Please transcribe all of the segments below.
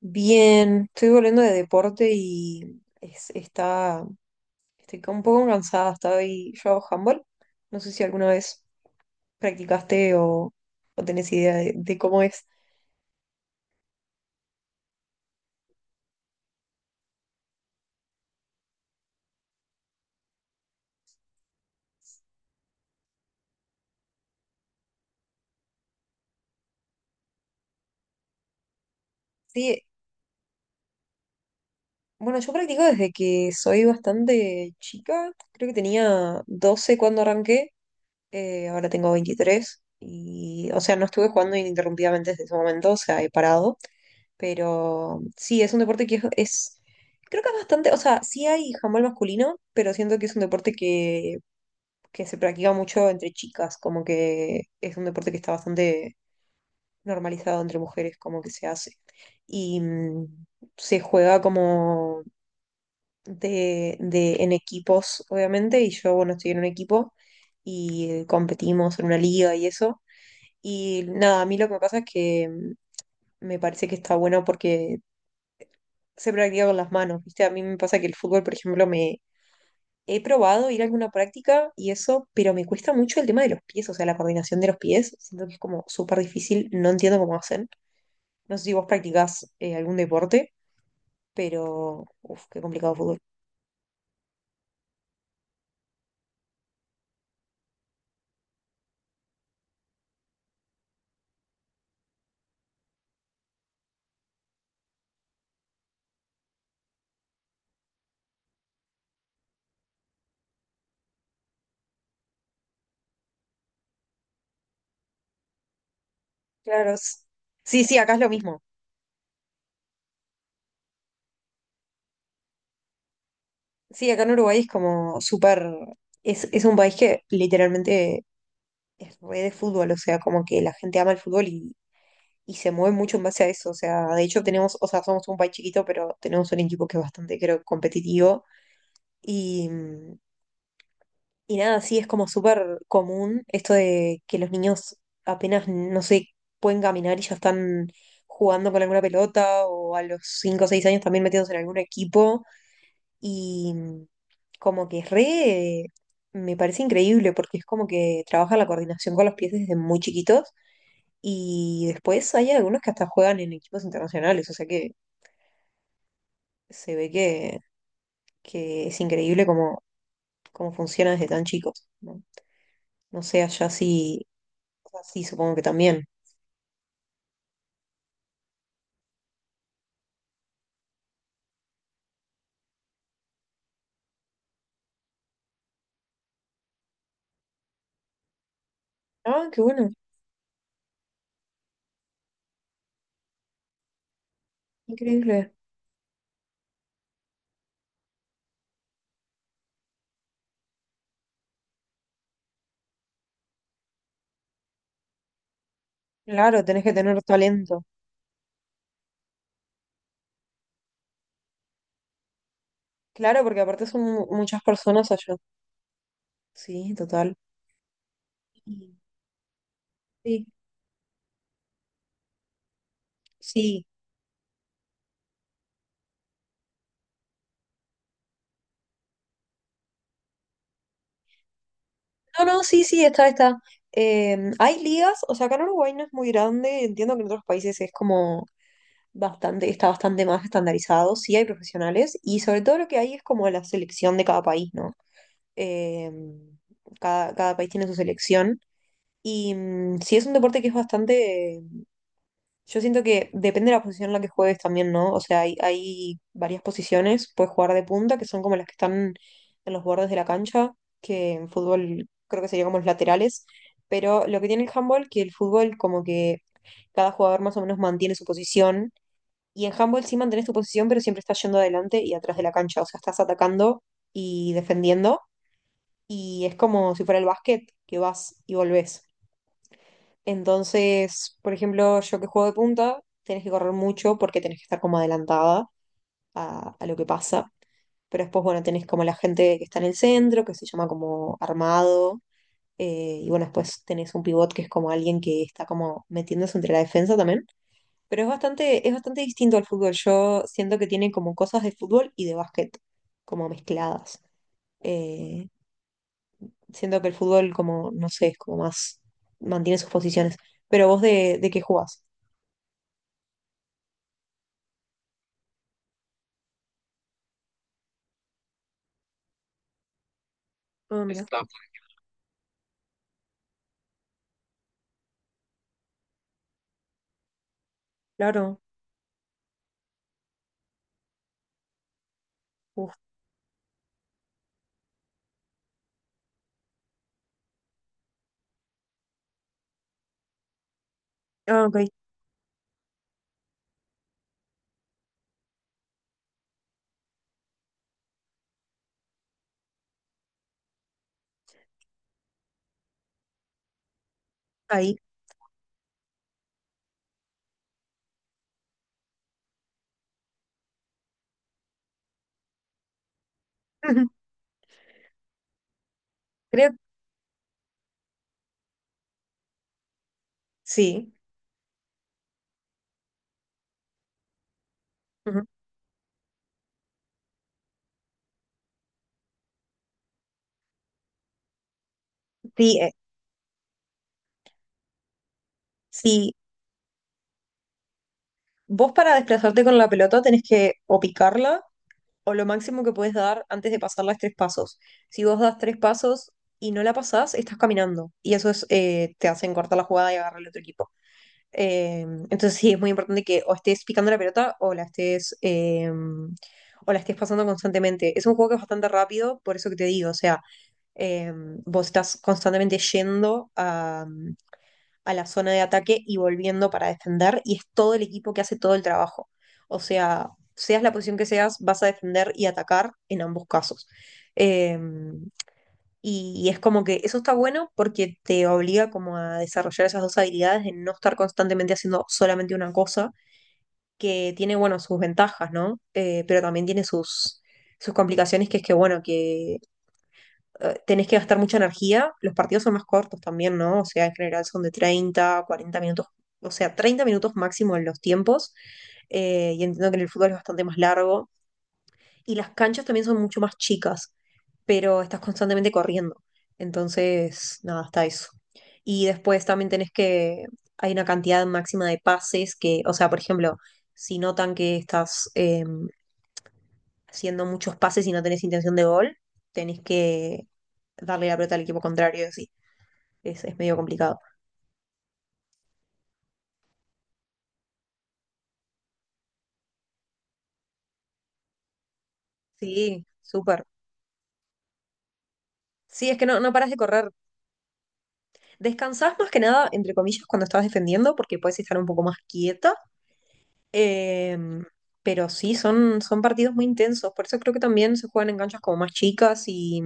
Bien, estoy volviendo de deporte y estoy un poco cansada. Yo hago handball. No sé si alguna vez practicaste o tenés idea de cómo es. Sí, bueno, yo practico desde que soy bastante chica. Creo que tenía 12 cuando arranqué. Ahora tengo 23 y, o sea, no estuve jugando ininterrumpidamente desde ese momento, o sea, he parado. Pero sí, es un deporte que creo que es bastante, o sea, sí hay handball masculino, pero siento que es un deporte que se practica mucho entre chicas, como que es un deporte que está bastante normalizado entre mujeres, como que se hace. Y se juega como en equipos, obviamente, y yo, bueno, estoy en un equipo y competimos en una liga y eso. Y nada, a mí lo que me pasa es que me parece que está bueno porque se practica con las manos, ¿viste? A mí me pasa que el fútbol, por ejemplo, me he probado ir a alguna práctica y eso, pero me cuesta mucho el tema de los pies, o sea, la coordinación de los pies. Siento que es como súper difícil, no entiendo cómo hacen. No sé si vos practicás algún deporte, pero, uff, qué complicado fútbol. Claro. Sí, sí, acá es lo mismo. Sí, acá en Uruguay es como súper, es un país que literalmente es re de fútbol, o sea, como que la gente ama el fútbol y se mueve mucho en base a eso. O sea, de hecho tenemos, o sea, somos un país chiquito, pero tenemos un equipo que es bastante, creo, competitivo. Y, mm, y nada, sí, es como súper común esto de que los niños apenas, no sé, pueden caminar y ya están jugando con alguna pelota o a los 5 o 6 años también metidos en algún equipo. Y como que es. Me parece increíble porque es como que trabaja la coordinación con los pies desde muy chiquitos y después hay algunos que hasta juegan en equipos internacionales, o sea que se ve que es increíble cómo funciona desde tan chicos, ¿no? No sé, allá sí, o sea, sí, supongo que también. Ah, qué bueno, increíble. Claro, tenés que tener talento. Claro, porque aparte son muchas personas allá. Sí, total. Y- Sí, sí. No, no, sí, sí, está, está. Hay ligas, o sea, acá en Uruguay no es muy grande, entiendo que en otros países es como bastante, está bastante más estandarizado, sí hay profesionales y sobre todo lo que hay es como la selección de cada país, ¿no? Eh, cada país tiene su selección y sí es un deporte que es bastante, yo siento que depende de la posición en la que juegues también, ¿no? O sea, hay varias posiciones, puedes jugar de punta, que son como las que están en los bordes de la cancha, que en fútbol creo que sería como los laterales, pero lo que tiene el handball, que el fútbol como que cada jugador más o menos mantiene su posición y en handball sí mantenés tu posición, pero siempre estás yendo adelante y atrás de la cancha. O sea, estás atacando y defendiendo. Y es como si fuera el básquet, que vas y volvés. Entonces, por ejemplo, yo que juego de punta, tenés que correr mucho porque tenés que estar como adelantada a lo que pasa. Pero después, bueno, tenés como la gente que está en el centro, que se llama como armado. Y bueno, después tenés un pivot que es como alguien que está como metiéndose entre la defensa también pero es bastante distinto al fútbol. Yo siento que tiene como cosas de fútbol y de básquet, como mezcladas. Eh, Siento que el fútbol, como, no sé, es como más, mantiene sus posiciones. Pero vos, de qué jugás? Ah, mira. Stop. Claro. Uf. Ah, ok. Ahí. Creo, sí. Ujú. Sí, sí. Vos para desplazarte con la pelota tenés que o picarla o lo máximo que puedes dar antes de pasar las tres pasos. Si vos das tres pasos y no la pasás, estás caminando. Y eso te hacen cortar la jugada y agarrar al otro equipo. Eh, entonces sí, es muy importante que o estés picando la pelota o la estés pasando constantemente. Es un juego que es bastante rápido, por eso que te digo, o sea, eh, vos estás constantemente yendo a la zona de ataque y volviendo para defender, y es todo el equipo que hace todo el trabajo. O sea, seas la posición que seas, vas a defender y atacar en ambos casos. Eh, y es como que eso está bueno porque te obliga como a desarrollar esas dos habilidades de no estar constantemente haciendo solamente una cosa, que tiene, bueno, sus ventajas, ¿no? Pero también tiene sus complicaciones, que es que, bueno, que tenés que gastar mucha energía. Los partidos son más cortos también, ¿no? O sea, en general son de 30, 40 minutos, o sea, 30 minutos máximo en los tiempos. Y entiendo que en el fútbol es bastante más largo. Y las canchas también son mucho más chicas, pero estás constantemente corriendo. Entonces, nada, está eso. Y después también tenés que, hay una cantidad máxima de pases que, o sea, por ejemplo, si notan que estás, haciendo muchos pases y no tenés intención de gol, tenés que darle la pelota al equipo contrario, sí. Es medio complicado. Sí, súper. Sí, es que no, no paras de correr. Descansás más que nada, entre comillas, cuando estás defendiendo, porque puedes estar un poco más quieta. Eh, pero sí, son partidos muy intensos. Por eso creo que también se juegan en canchas como más chicas y,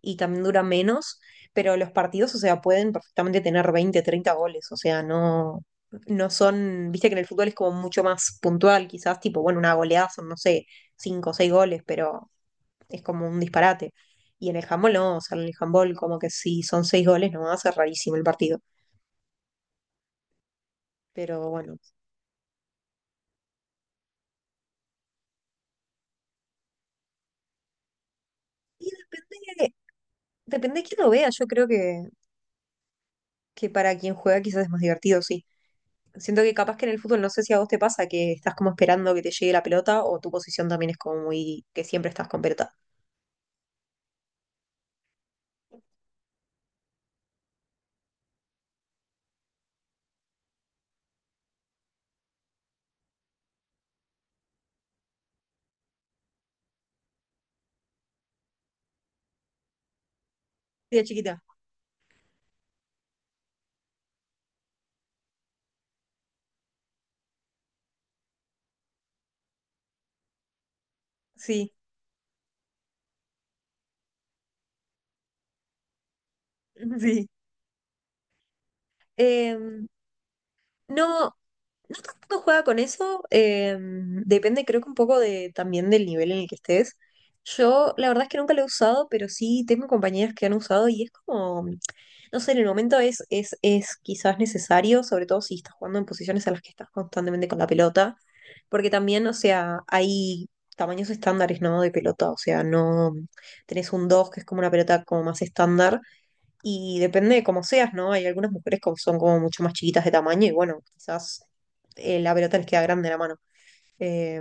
y también dura menos, pero los partidos, o sea, pueden perfectamente tener 20 30 goles, o sea, no, no son, viste que en el fútbol es como mucho más puntual, quizás tipo, bueno, una goleada son, no sé, 5 o seis goles, pero es como un disparate. Y en el handball no, o sea, en el handball como que si son 6 goles no va a ser rarísimo el partido, pero bueno. Y depende, depende de quién lo vea, yo creo que para quien juega quizás es más divertido, sí. Siento que capaz que en el fútbol, no sé si a vos te pasa que estás como esperando que te llegue la pelota o tu posición también es como muy, que siempre estás con pelota. Sí, de chiquita. Sí, sí. Em, No, no tanto juega con eso, depende creo que un poco de, también del nivel en el que estés. Yo la verdad es que nunca lo he usado, pero sí tengo compañeras que han usado y es como, no sé, en el momento es quizás necesario, sobre todo si estás jugando en posiciones a las que estás constantemente con la pelota, porque también, o sea, hay tamaños estándares, ¿no? De pelota, o sea, no tenés un 2 que es como una pelota como más estándar y depende de cómo seas, ¿no? Hay algunas mujeres que son como mucho más chiquitas de tamaño y bueno, quizás la pelota les queda grande en la mano. Eh,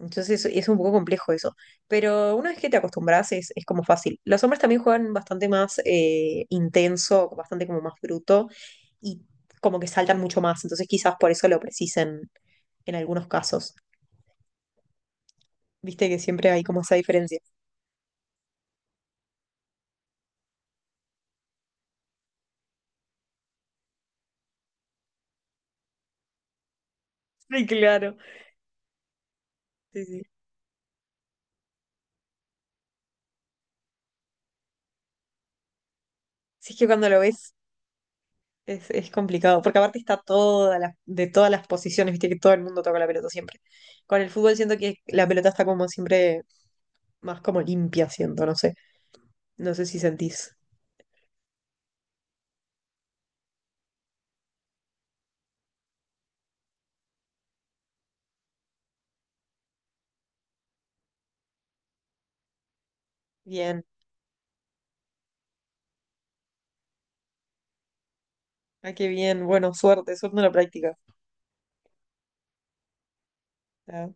entonces es un poco complejo eso. Pero una vez que te acostumbras es como fácil. Los hombres también juegan bastante más intenso, bastante como más bruto y como que saltan mucho más. Entonces quizás por eso lo precisen en algunos casos. Viste que siempre hay como esa diferencia. Sí, claro. Sí, sí. Si es que cuando lo ves, es complicado, porque aparte está toda de todas las posiciones, viste que todo el mundo toca la pelota siempre. Con el fútbol siento que la pelota está como siempre más como limpia, siento, no sé. No sé si sentís. Bien, ah, qué bien, bueno, suerte, suerte en la práctica. Ah.